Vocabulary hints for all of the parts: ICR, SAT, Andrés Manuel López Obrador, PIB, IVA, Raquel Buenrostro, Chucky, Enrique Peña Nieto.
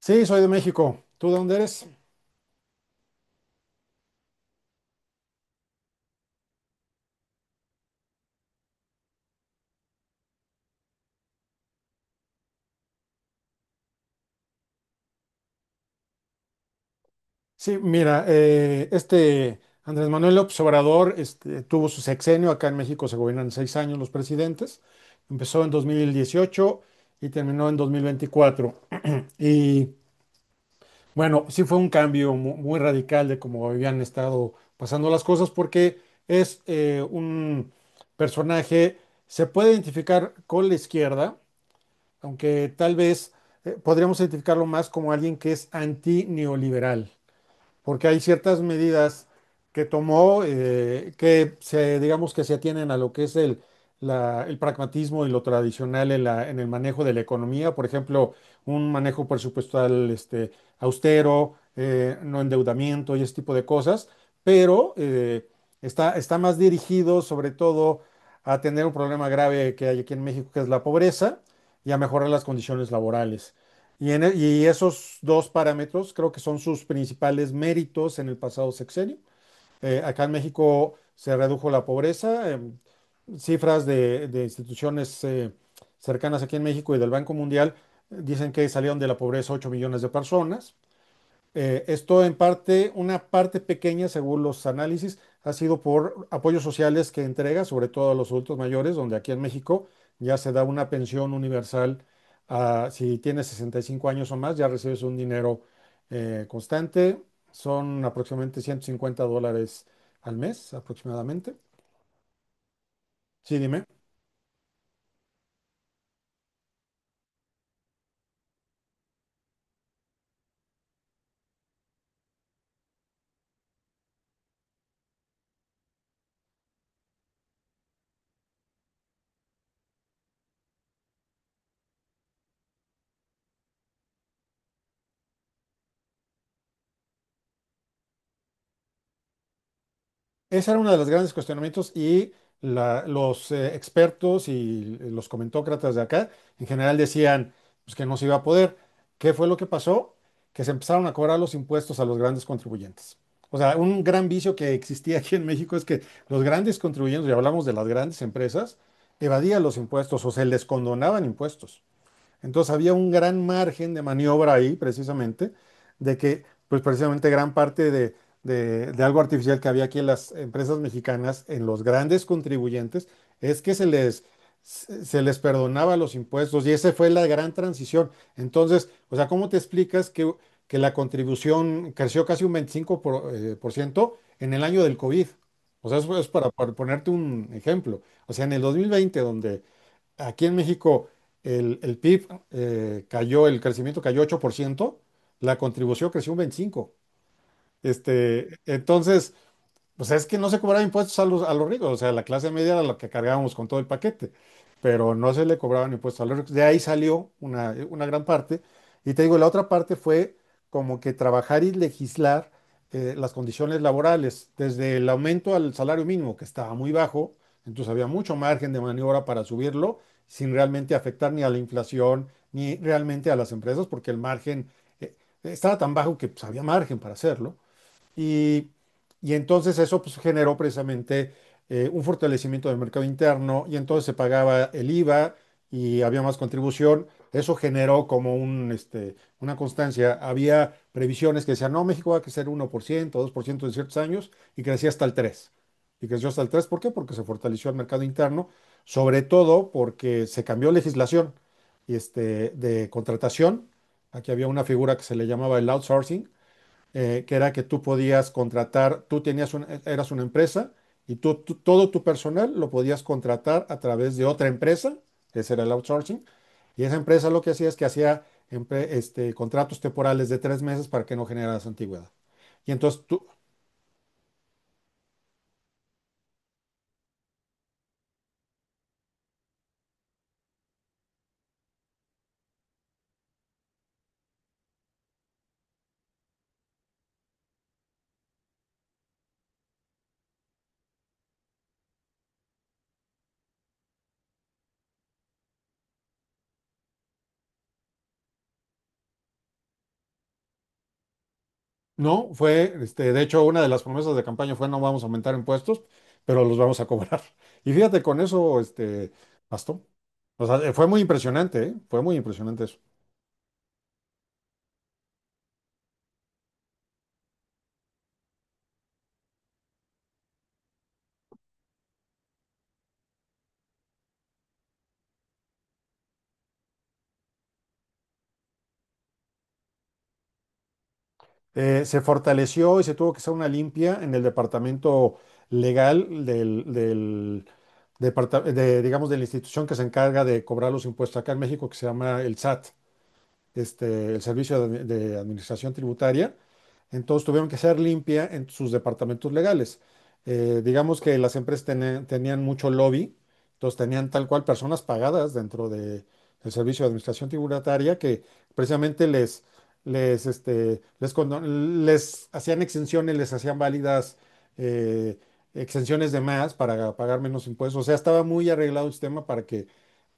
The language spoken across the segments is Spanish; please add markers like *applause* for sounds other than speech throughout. Sí, soy de México. ¿Tú de dónde eres? Sí, mira, este Andrés Manuel López Obrador este, tuvo su sexenio. Acá en México se gobiernan seis años los presidentes. Empezó en 2018 y terminó en 2024. Y bueno, sí fue un cambio muy radical de cómo habían estado pasando las cosas, porque es un personaje. Se puede identificar con la izquierda, aunque tal vez podríamos identificarlo más como alguien que es antineoliberal, porque hay ciertas medidas que tomó que se, digamos, que se atienen a lo que es el pragmatismo y lo tradicional en en el manejo de la economía. Por ejemplo, un manejo presupuestal, este, austero, no endeudamiento y ese tipo de cosas, pero está más dirigido sobre todo a tener un problema grave que hay aquí en México, que es la pobreza, y a mejorar las condiciones laborales. Y esos dos parámetros creo que son sus principales méritos en el pasado sexenio. Acá en México se redujo la pobreza. Cifras de de instituciones cercanas aquí en México y del Banco Mundial dicen que salieron de la pobreza 8 millones de personas. Esto en parte, una parte pequeña, según los análisis, ha sido por apoyos sociales que entrega, sobre todo a los adultos mayores, donde aquí en México ya se da una pensión universal. Si tienes 65 años o más, ya recibes un dinero constante. Son aproximadamente $150 al mes, aproximadamente. Sí, dime. Ese era uno de los grandes cuestionamientos, y los expertos y los comentócratas de acá en general decían, pues, que no se iba a poder. ¿Qué fue lo que pasó? Que se empezaron a cobrar los impuestos a los grandes contribuyentes. O sea, un gran vicio que existía aquí en México es que los grandes contribuyentes, y hablamos de las grandes empresas, evadían los impuestos o se les condonaban impuestos. Entonces había un gran margen de maniobra ahí, precisamente, de que, pues, precisamente gran parte de de algo artificial que había aquí en las empresas mexicanas, en los grandes contribuyentes, es que se les perdonaba los impuestos, y esa fue la gran transición. Entonces, o sea, ¿cómo te explicas que la contribución creció casi un 25 por ciento en el año del COVID? O sea, eso es para ponerte un ejemplo. O sea, en el 2020, donde aquí en México el PIB cayó, el crecimiento cayó 8%, la contribución creció un 25%. Este, entonces, pues es que no se cobraban impuestos a los ricos. O sea, la clase media era la que cargábamos con todo el paquete, pero no se le cobraban impuestos a los ricos. De ahí salió una gran parte. Y te digo, la otra parte fue como que trabajar y legislar las condiciones laborales, desde el aumento al salario mínimo, que estaba muy bajo. Entonces había mucho margen de maniobra para subirlo sin realmente afectar ni a la inflación ni realmente a las empresas, porque el margen, eh, estaba tan bajo, que, pues, había margen para hacerlo. Y, y entonces eso, pues, generó precisamente un fortalecimiento del mercado interno, y entonces se pagaba el IVA y había más contribución. Eso generó como este, una constancia. Había previsiones que decían, no, México va a crecer 1%, 2% en ciertos años, y crecía hasta el 3%. Y creció hasta el 3%, ¿por qué? Porque se fortaleció el mercado interno, sobre todo porque se cambió legislación, este, de contratación. Aquí había una figura que se le llamaba el outsourcing, que era que tú podías contratar. Tú tenías eras una empresa, y todo tu personal lo podías contratar a través de otra empresa. Ese era el outsourcing, y esa empresa lo que hacía es que hacía contratos temporales de 3 meses para que no generaras antigüedad. Y entonces tú, no, fue, este, de hecho, una de las promesas de campaña fue, no vamos a aumentar impuestos, pero los vamos a cobrar. *laughs* Y fíjate, con eso, este, bastó. O sea, fue muy impresionante, ¿eh? Fue muy impresionante eso. Se fortaleció, y se tuvo que hacer una limpia en el departamento legal del digamos, de la institución que se encarga de cobrar los impuestos acá en México, que se llama el SAT, este, el servicio de de administración tributaria. Entonces tuvieron que hacer limpia en sus departamentos legales. Digamos que las empresas tenían mucho lobby, entonces tenían tal cual personas pagadas dentro del servicio de administración tributaria, que precisamente les hacían exenciones, les hacían válidas eh, exenciones de más para pagar menos impuestos. O sea, estaba muy arreglado el sistema para que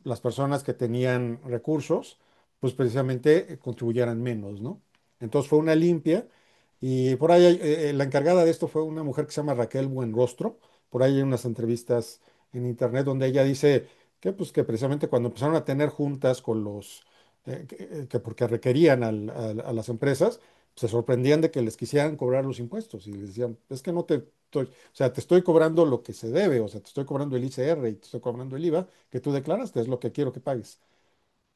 las personas que tenían recursos, pues, precisamente contribuyeran menos, ¿no? Entonces fue una limpia, y por ahí la encargada de esto fue una mujer que se llama Raquel Buenrostro. Por ahí hay unas entrevistas en internet donde ella dice que, pues, que precisamente cuando empezaron a tener juntas con que porque requerían a las empresas, se sorprendían de que les quisieran cobrar los impuestos, y les decían, es que no te... estoy- o sea, te estoy cobrando lo que se debe. O sea, te estoy cobrando el ICR, y te estoy cobrando el IVA que tú declaraste. Es lo que quiero que pagues.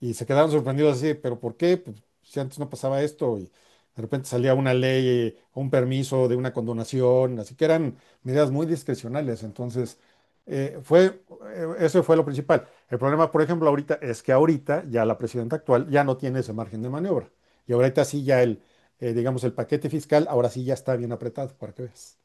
Y se quedaron sorprendidos así, pero ¿por qué? Pues, si antes no pasaba esto, y de repente salía una ley, un permiso de una condonación, así que eran medidas muy discrecionales. Entonces, eh, fue, eso fue lo principal. El problema, por ejemplo, ahorita, es que ahorita ya la presidenta actual ya no tiene ese margen de maniobra. Y ahorita sí, ya digamos, el paquete fiscal, ahora sí ya está bien apretado, para que veas.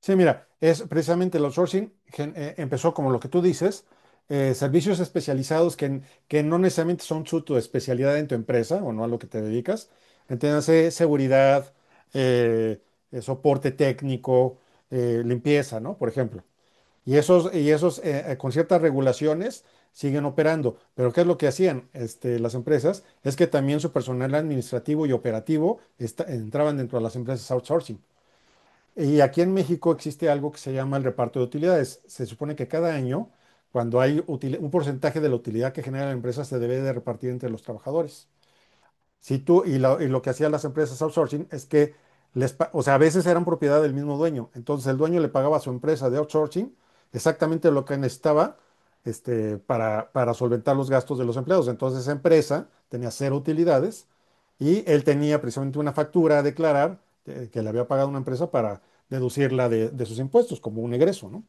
Sí, mira, es precisamente el outsourcing, empezó como lo que tú dices, servicios especializados que no necesariamente son su tu especialidad en tu empresa, o no a lo que te dedicas. Entiéndase seguridad, eh, soporte técnico, limpieza, ¿no? Por ejemplo. Y esos con ciertas regulaciones siguen operando. Pero ¿qué es lo que hacían, este, las empresas? Es que también su personal administrativo y operativo entraban dentro de las empresas outsourcing. Y aquí en México existe algo que se llama el reparto de utilidades. Se supone que cada año, cuando hay un porcentaje de la utilidad que genera la empresa, se debe de repartir entre los trabajadores. Si tú, y, la- y lo que hacían las empresas outsourcing es que o sea, a veces eran propiedad del mismo dueño. Entonces el dueño le pagaba a su empresa de outsourcing exactamente lo que necesitaba, este, para solventar los gastos de los empleados. Entonces esa empresa tenía cero utilidades, y él tenía precisamente una factura a declarar que le había pagado una empresa para deducirla de sus impuestos como un egreso, ¿no?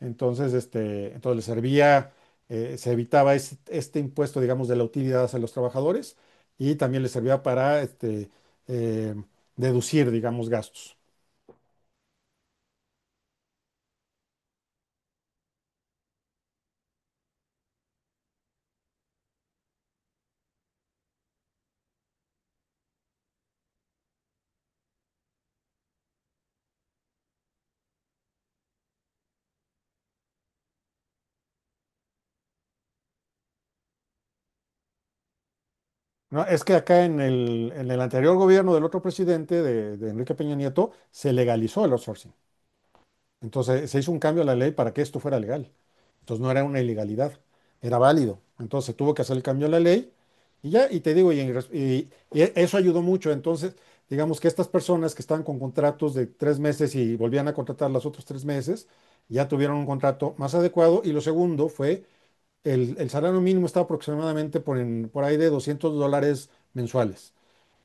Entonces, este, entonces les servía, se evitaba impuesto, digamos, de la utilidad hacia los trabajadores, y también les servía para eh, deducir, digamos, gastos. No, es que acá en el anterior gobierno del otro presidente, de Enrique Peña Nieto, se legalizó el outsourcing. Entonces se hizo un cambio a la ley para que esto fuera legal. Entonces no era una ilegalidad, era válido. Entonces tuvo que hacer el cambio a la ley, y ya, y te digo, y, en res- y e- eso ayudó mucho. Entonces, digamos que estas personas que estaban con contratos de 3 meses, y volvían a contratar los otros 3 meses, ya tuvieron un contrato más adecuado. Y lo segundo fue, el salario mínimo estaba aproximadamente por ahí de $200 mensuales.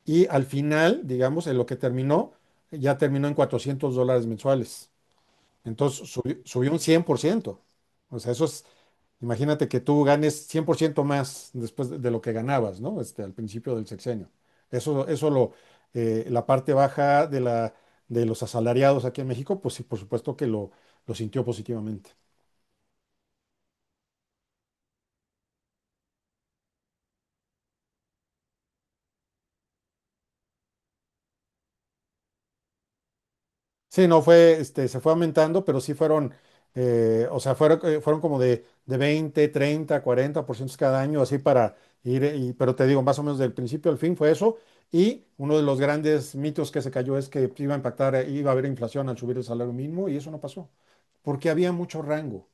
Y al final, digamos, en lo que terminó, ya terminó en $400 mensuales. Entonces subió un 100%. O sea, eso es, imagínate que tú ganes 100% más después de lo que ganabas, ¿no? Este, al principio del sexenio. Eso la parte baja de de los asalariados aquí en México, pues sí, por supuesto que lo sintió positivamente. Sí, no fue, este, se fue aumentando, pero sí o sea, fueron como de veinte, treinta, cuarenta por 40% cada año, así para ir, pero te digo, más o menos del principio al fin fue eso. Y uno de los grandes mitos que se cayó es que iba a impactar, iba a haber inflación al subir el salario mínimo, y eso no pasó, porque había mucho rango.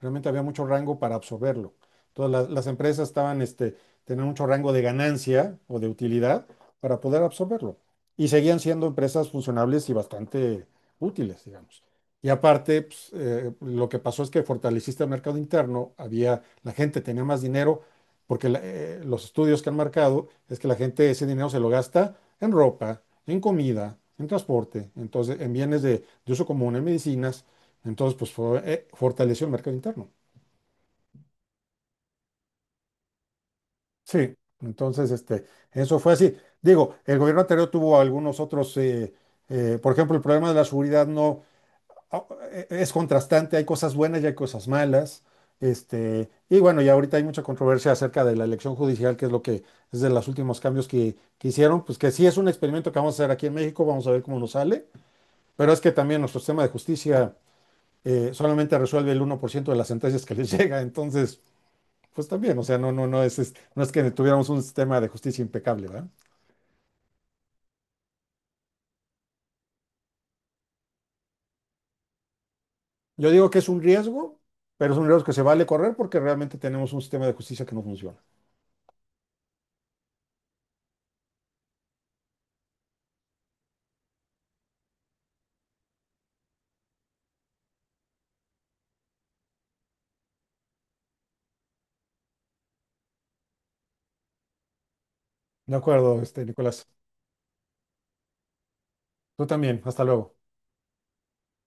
Realmente había mucho rango para absorberlo. Todas las empresas tenían mucho rango de ganancia o de utilidad para poder absorberlo. Y seguían siendo empresas funcionables y bastante útiles, digamos. Y aparte, pues, lo que pasó es que fortaleciste el mercado interno, la gente tenía más dinero, porque los estudios que han marcado es que la gente ese dinero se lo gasta en ropa, en comida, en transporte, entonces en bienes de uso común, en medicinas. Entonces, pues, fortaleció el mercado interno. Sí, entonces, este, eso fue así. Digo, el gobierno anterior tuvo algunos otros, por ejemplo, el problema de la seguridad, no, ah, es contrastante, hay cosas buenas y hay cosas malas. Este, y bueno, y ahorita hay mucha controversia acerca de la elección judicial, que es lo que es de los últimos cambios que hicieron, pues, que sí es un experimento que vamos a hacer aquí en México. Vamos a ver cómo nos sale, pero es que también nuestro sistema de justicia solamente resuelve el 1% de las sentencias que les *laughs* llega. Entonces, pues también, o sea, no, no, no es que tuviéramos un sistema de justicia impecable, ¿verdad? Yo digo que es un riesgo, pero es un riesgo que se vale correr, porque realmente tenemos un sistema de justicia que no funciona. De acuerdo, este, Nicolás. Tú también, hasta luego.